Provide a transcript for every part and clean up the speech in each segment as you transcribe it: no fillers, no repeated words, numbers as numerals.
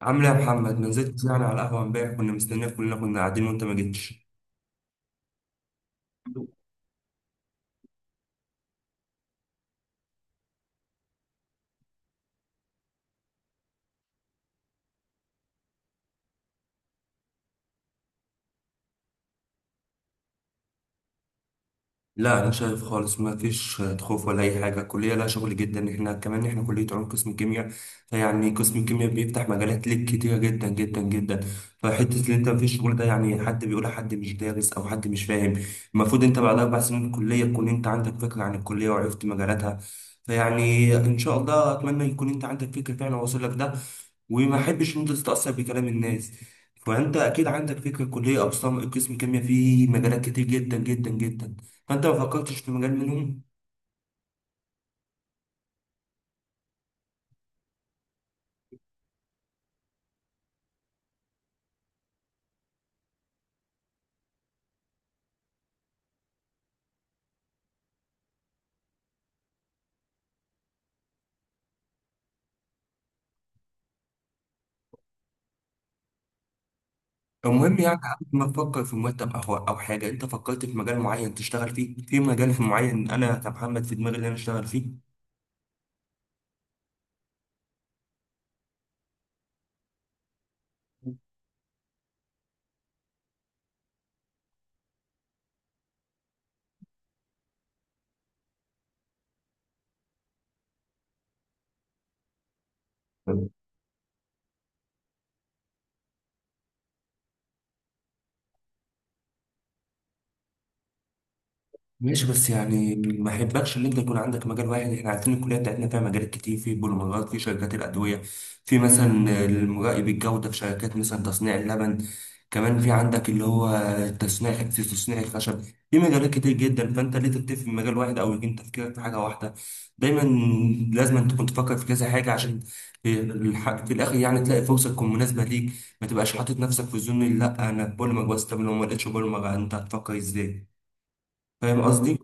عامل ايه يا محمد؟ ما نزلتش يعني على القهوه امبارح، كنا مستنيك كلنا، كنا قاعدين وانت ما جيتش. لا انا شايف خالص ما فيش خوف ولا اي حاجه، الكليه لها شغل جدا، احنا كمان احنا كليه علوم قسم الكيمياء. فيعني قسم الكيمياء بيفتح مجالات ليك كتيره جدا جدا جدا. فحته ان انت ما فيش شغل ده يعني حد بيقول، حد مش دارس او حد مش فاهم. المفروض انت بعد اربع سنين من الكليه تكون انت عندك فكره عن الكليه وعرفت مجالاتها. فيعني ان شاء الله اتمنى يكون انت عندك فكره فعلا واصل لك ده، وما احبش ان انت تتاثر بكلام الناس. فانت اكيد عندك فكره الكليه اقسام، قسم كيمياء فيه مجالات كتير جدا جدا جدا. فانت ما فكرتش في مجال منهم؟ المهم يعني قبل ما تفكر في مرتب او حاجه، انت فكرت في مجال معين تشتغل فيه؟ في مجال في معين انا كمحمد في دماغي اللي انا اشتغل فيه. ماشي بس يعني ما يحبكش ان انت يكون عندك مجال واحد، احنا عارفين الكليه بتاعتنا فيها مجالات كتير، في بوليمرات، في شركات الادويه، في مثلا المراقب الجوده في شركات مثلا تصنيع اللبن، كمان في عندك اللي هو تصنيع، في تصنيع الخشب. في مجالات كتير جدا، فانت ليه تكتفي في مجال واحد او يكون تفكيرك في حاجه واحده؟ دايما لازم أن تكون تفكر في كذا حاجه، عشان في الاخر يعني تلاقي فرصه تكون مناسبه ليك. ما تبقاش حاطط نفسك في زون، لا انا بوليمر بس، طب لو ما لقيتش بوليمر انت هتفكر ازاي؟ فاهم قصدي؟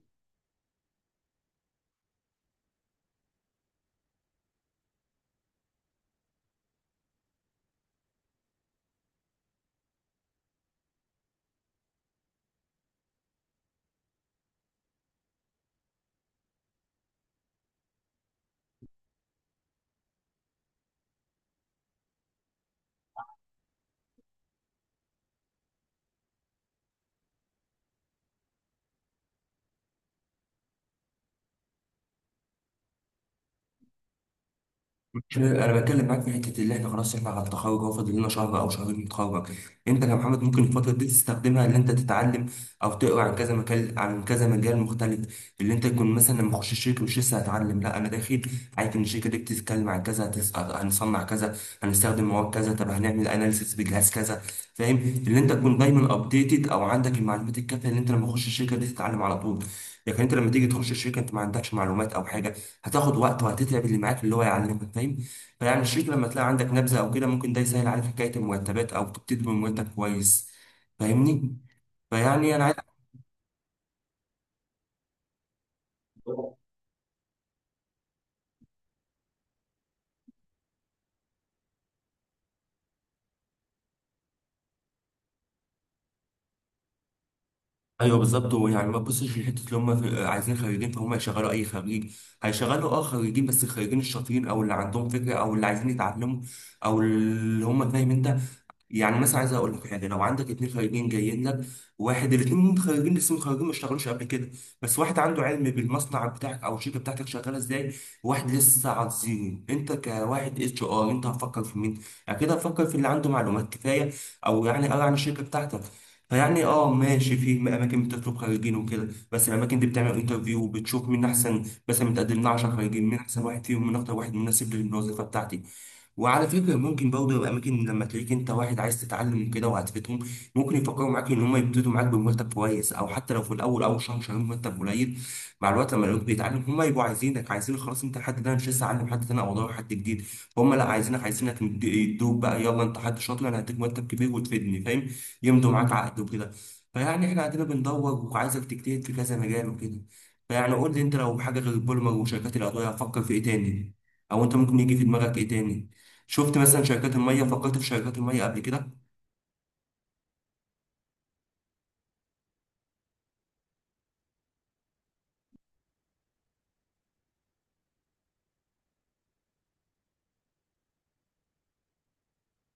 انا بتكلم معاك في حته اللي احنا خلاص احنا على التخرج، اهو فاضل لنا شهر او شهرين نتخرج. انت كمحمد ممكن الفتره دي تستخدمها ان انت تتعلم او تقرا عن كذا مجال، عن كذا مجال مختلف، اللي انت تكون مثلا لما اخش الشركه مش لسه هتعلم، لا انا داخل عارف ان الشركه دي بتتكلم عن كذا، هنصنع كذا، هنستخدم مواد كذا، طب هنعمل اناليسيس بجهاز كذا. فاهم؟ اللي انت تكون دايما ابديتد او عندك المعلومات الكافيه، اللي انت لما اخش الشركه دي تتعلم على طول. لكن انت لما تيجي تخش الشركه انت ما عندكش معلومات او حاجه، هتاخد وقت وهتتعب اللي معاك اللي هو يعلمك. فاهم؟ فيعني الشريك لما تلاقي عندك نبذة أو كده، ممكن ده يسهل عليك حكاية المرتبات أو تبتدي بمرتب كويس. فاهمني؟ فيعني أنا عايز. أيوه بالظبط، ويعني ما تبصش لحتة اللي هم عايزين خريجين فهم يشغلوا أي خريج. هيشغلوا أه خريجين، بس الخريجين الشاطرين أو اللي عندهم فكرة أو اللي عايزين يتعلموا أو اللي هم فاهم أنت. يعني مثلا عايز اقول لك حاجه، لو عندك اتنين خريجين جايين لك، واحد، الاتنين خريجين لسه متخرجين ما اشتغلوش قبل كده، بس واحد عنده علم بالمصنع بتاعك او الشركه بتاعتك شغاله ازاي، وواحد لسه على الزيرو، انت كواحد اتش ار انت هتفكر في مين؟ اكيد هتفكر في اللي عنده معلومات كفايه او يعني قرا عن الشركه بتاعتك. فيعني اه ماشي، في اماكن بتطلب خريجين وكده، بس الاماكن دي بتعمل انترفيو وبتشوف مين احسن. مثلا متقدم لنا 10 خريجين، مين احسن واحد فيهم، مين اكتر واحد مناسب للوظيفه بتاعتي. وعلى فكرة ممكن برضه يبقى أماكن لما تلاقيك أنت واحد عايز تتعلم كده وعاتبتهم، ممكن يفكروا معاك إن هم يبتدوا معاك بمرتب كويس، أو حتى لو في الأول أول شهر شهرين مرتب قليل، مع الوقت لما يلاقوك بيتعلم هم يبقوا عايزينك، عايزين خلاص أنت حد ده، أنا مش لسه أعلم حد تاني أو أدور حد جديد. فهم لا عايزينك عايزينك، يدوك بقى، يلا أنت حد شاطر، أنا هديك مرتب كبير وتفيدني. فاهم؟ يمضوا معاك عقد وكده. فيعني إحنا عندنا بندور وعايزك تجتهد في كذا مجال وكده. فيعني قول لي أنت لو حاجة غير البوليمر وشركات الأدوية هتفكر في إيه تاني؟ أو أنت ممكن يجي في دماغك إيه تاني؟ شفت مثلا شركات الميه؟ فكرت في شركات الميه قبل كده؟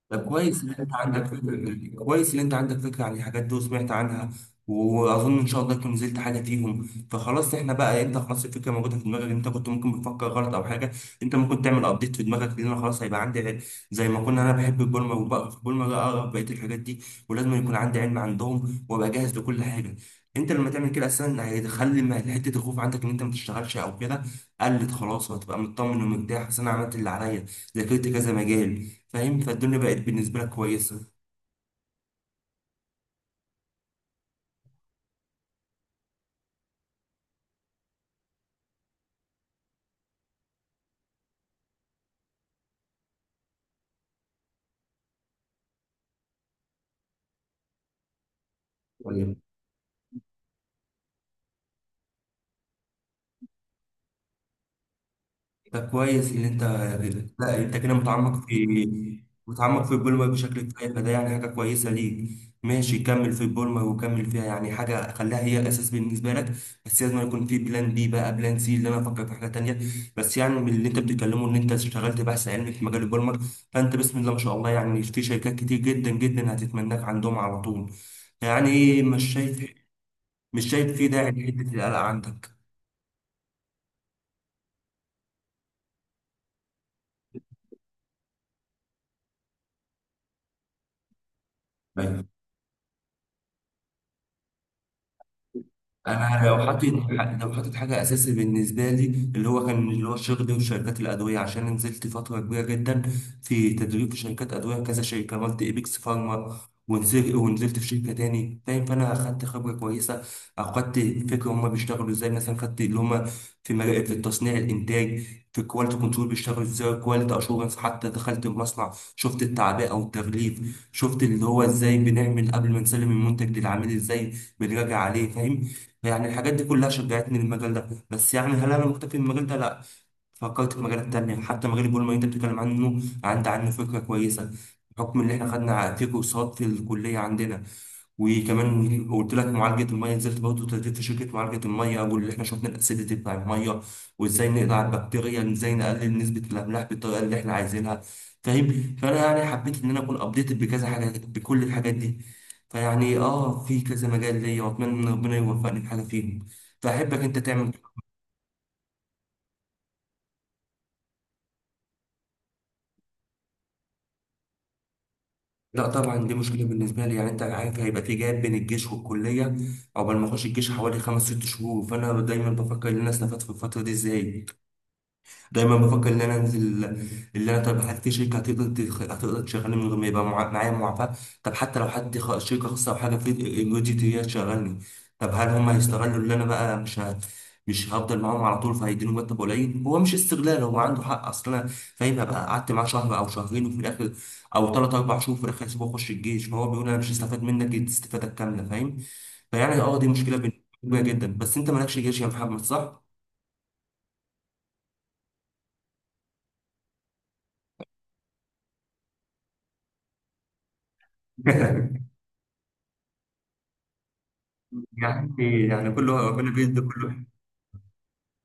طب كويس ان انت عندك فكره، كويس ان انت عندك فكره عن الحاجات دي وسمعت عنها. واظن ان شاء الله تكون نزلت حاجه فيهم. فخلاص احنا بقى، انت خلاص الفكره موجوده في دماغك، انت كنت ممكن بتفكر غلط او حاجه، انت ممكن تعمل ابديت في دماغك، لان أنا خلاص هيبقى عندي علم. زي ما كنا انا بحب البولمه وبقرا في البولمه، لا اقرا في بقيه الحاجات دي ولازم يكون عندي علم عندهم وابقى جاهز لكل حاجه. انت لما تعمل كده اصلا هيخلي حته الخوف عندك ان انت ما تشتغلش او كده، قلت خلاص، وهتبقى مطمن ومرتاح، اصل انا عملت اللي عليا، ذاكرت كذا مجال. فاهم؟ فالدنيا بقت بالنسبة لك كويسة. طيب، ده كويس اللي انت، لا انت كده متعمق في البولما بشكل كفاية، فده يعني حاجة كويسة ليك. ماشي، كمل في البولما وكمل فيها، يعني حاجة خليها هي أساس بالنسبة لك، بس لازم يكون في بلان بي بقى، بلان سي، اللي أنا أفكر في حاجة تانية. بس يعني من اللي أنت بتتكلمه إن أنت اشتغلت بحث علمي في مجال البولما، فأنت بسم الله ما شاء الله يعني في شركات كتير جدا جدا هتتمناك عندهم على طول. يعني مش شايف في داعي لحتة القلق عندك. أيوة. انا لو حطيت حاجه اساسي بالنسبه لي اللي هو كان اللي هو شغلي وشركات الادويه، عشان نزلت فتره كبيره جدا في تدريب في شركات ادويه، كذا شركه، عملت ايبكس فارما، ونزلت في شركه تاني. فاهم؟ فانا اخدت خبره كويسه او خدت فكره هما بيشتغلوا ازاي، مثلا خدت اللي هما في مراقب في التصنيع الانتاج، في الكواليتي كنترول بيشتغلوا ازاي، كواليتي اشورنس، حتى دخلت المصنع شفت التعبئه او التغليف، شفت اللي هو ازاي بنعمل قبل ما نسلم المنتج للعميل، ازاي بنراجع عليه. فاهم؟ يعني الحاجات دي كلها شجعتني للمجال ده، بس يعني هل انا مكتفي بالمجال ده؟ لا، فكرت في مجالات تانية، حتى مجال البول اللي انت بتتكلم عنه عندي عنه فكرة كويسة، بحكم ان احنا خدنا في كورسات في الكلية عندنا. وكمان قلت لك معالجه الميه، نزلت برضه تدريب في شركه معالجه الميه، واللي احنا شفنا الاسيديتي بتاع الميه، وازاي نقضي على البكتيريا، ازاي نقلل نسبه الاملاح بالطريقه اللي احنا عايزينها. فاهم؟ فانا يعني حبيت ان انا اكون ابديتد بكذا حاجه، بكل الحاجات دي. فيعني اه في كذا مجال ليا، واتمنى ان ربنا يوفقني في حاجه فيهم. فاحبك انت تعمل كده. لا طبعا، دي مشكله بالنسبه لي يعني، انت عارف هيبقى في جاب بين الجيش والكليه، عقبال ما اخش الجيش حوالي خمس ست شهور. فانا دايما بفكر ان انا استفدت في الفتره دي ازاي. دايما بفكر ان انا انزل، اللي انا طب حتى في شركه هتقدر هتقدر تشغلني من غير ما يبقى معايا معافاه. طب حتى لو حد شركه خاصه او حاجه في الجودي هي تشغلني، طب هل هم هيستغلوا اللي انا بقى مش هفضل معاهم على طول فهيديني مرتب قليل، هو مش استغلال هو عنده حق، اصل انا، فاهم، هبقى قعدت معاه شهر او شهرين وفي الاخر او ثلاث اربع شهور في الاخر هسيبه يخش الجيش، فهو بيقول انا مش هستفاد منك الاستفاده الكامله. فاهم؟ فيعني اه دي مشكله بالنسبه لي كبيره جدا، بس انت مالكش جيش يا محمد صح؟ يعني يعني ربنا بيدي كل واحد،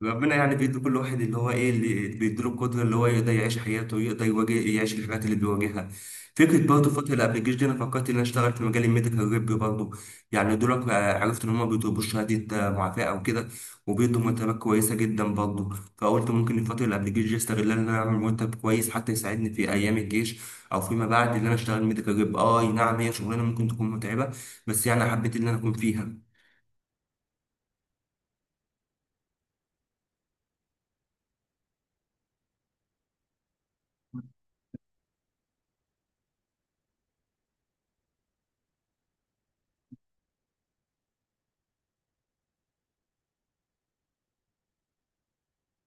ربنا يعني بيدي كل واحد اللي هو ايه اللي بيدي له القدره اللي هو يقدر يعيش حياته ويقدر يواجه يعيش الحاجات اللي بيواجهها. فكره برضه فتره قبل الجيش دي انا فكرت ان انا اشتغل في مجال الميديكال ريب برضه، يعني دول عرفت ان هم بيطلبوا شهاده معافاه او كده، وبيدوا مرتبات كويسه جدا برضه. فقلت ممكن الفتره اللي قبل الجيش دي استغلها ان انا اعمل مرتب كويس حتى يساعدني في ايام الجيش، او فيما بعد ان انا اشتغل ميديكال ريب. اه نعم هي شغلانه ممكن تكون متعبه، بس يعني حبيت ان انا اكون فيها.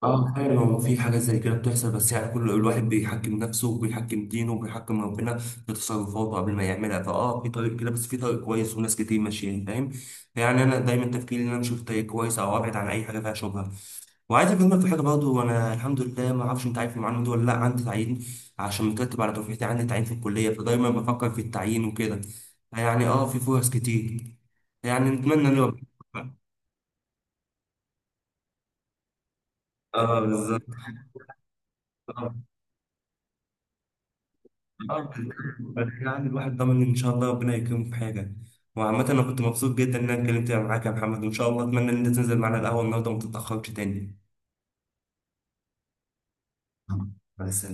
اه فعلا، هو في حاجات زي كده بتحصل، بس يعني كل الواحد بيحكم نفسه وبيحكم دينه وبيحكم ربنا في تصرفاته قبل ما يعملها، فاه في طريق كده، بس في طريق كويس وناس كتير ماشيين. فاهم؟ يعني انا دايما تفكيري ان انا اشوف طريق كويس او ابعد عن اي حاجه فيها شبهه. وعايز اكلمك في حاجه برضه، وانا الحمد لله ما اعرفش انت عارف المعلومه دي ولا لا، عندي تعيين عشان مترتب على دفعتي، عندي تعيين في الكليه، فدايما بفكر في التعيين وكده، يعني اه في فرص كتير، يعني نتمنى ان ربنا. اه بالظبط. اه. بعدين يعني الواحد ضامن ان شاء الله ربنا يكرمه في حاجه. وعامة انا كنت مبسوط جدا ان انا اتكلمت معاك يا محمد، وان شاء الله اتمنى ان انت تنزل معنا القهوه النهارده وما تتاخرش تاني. مع السلامه.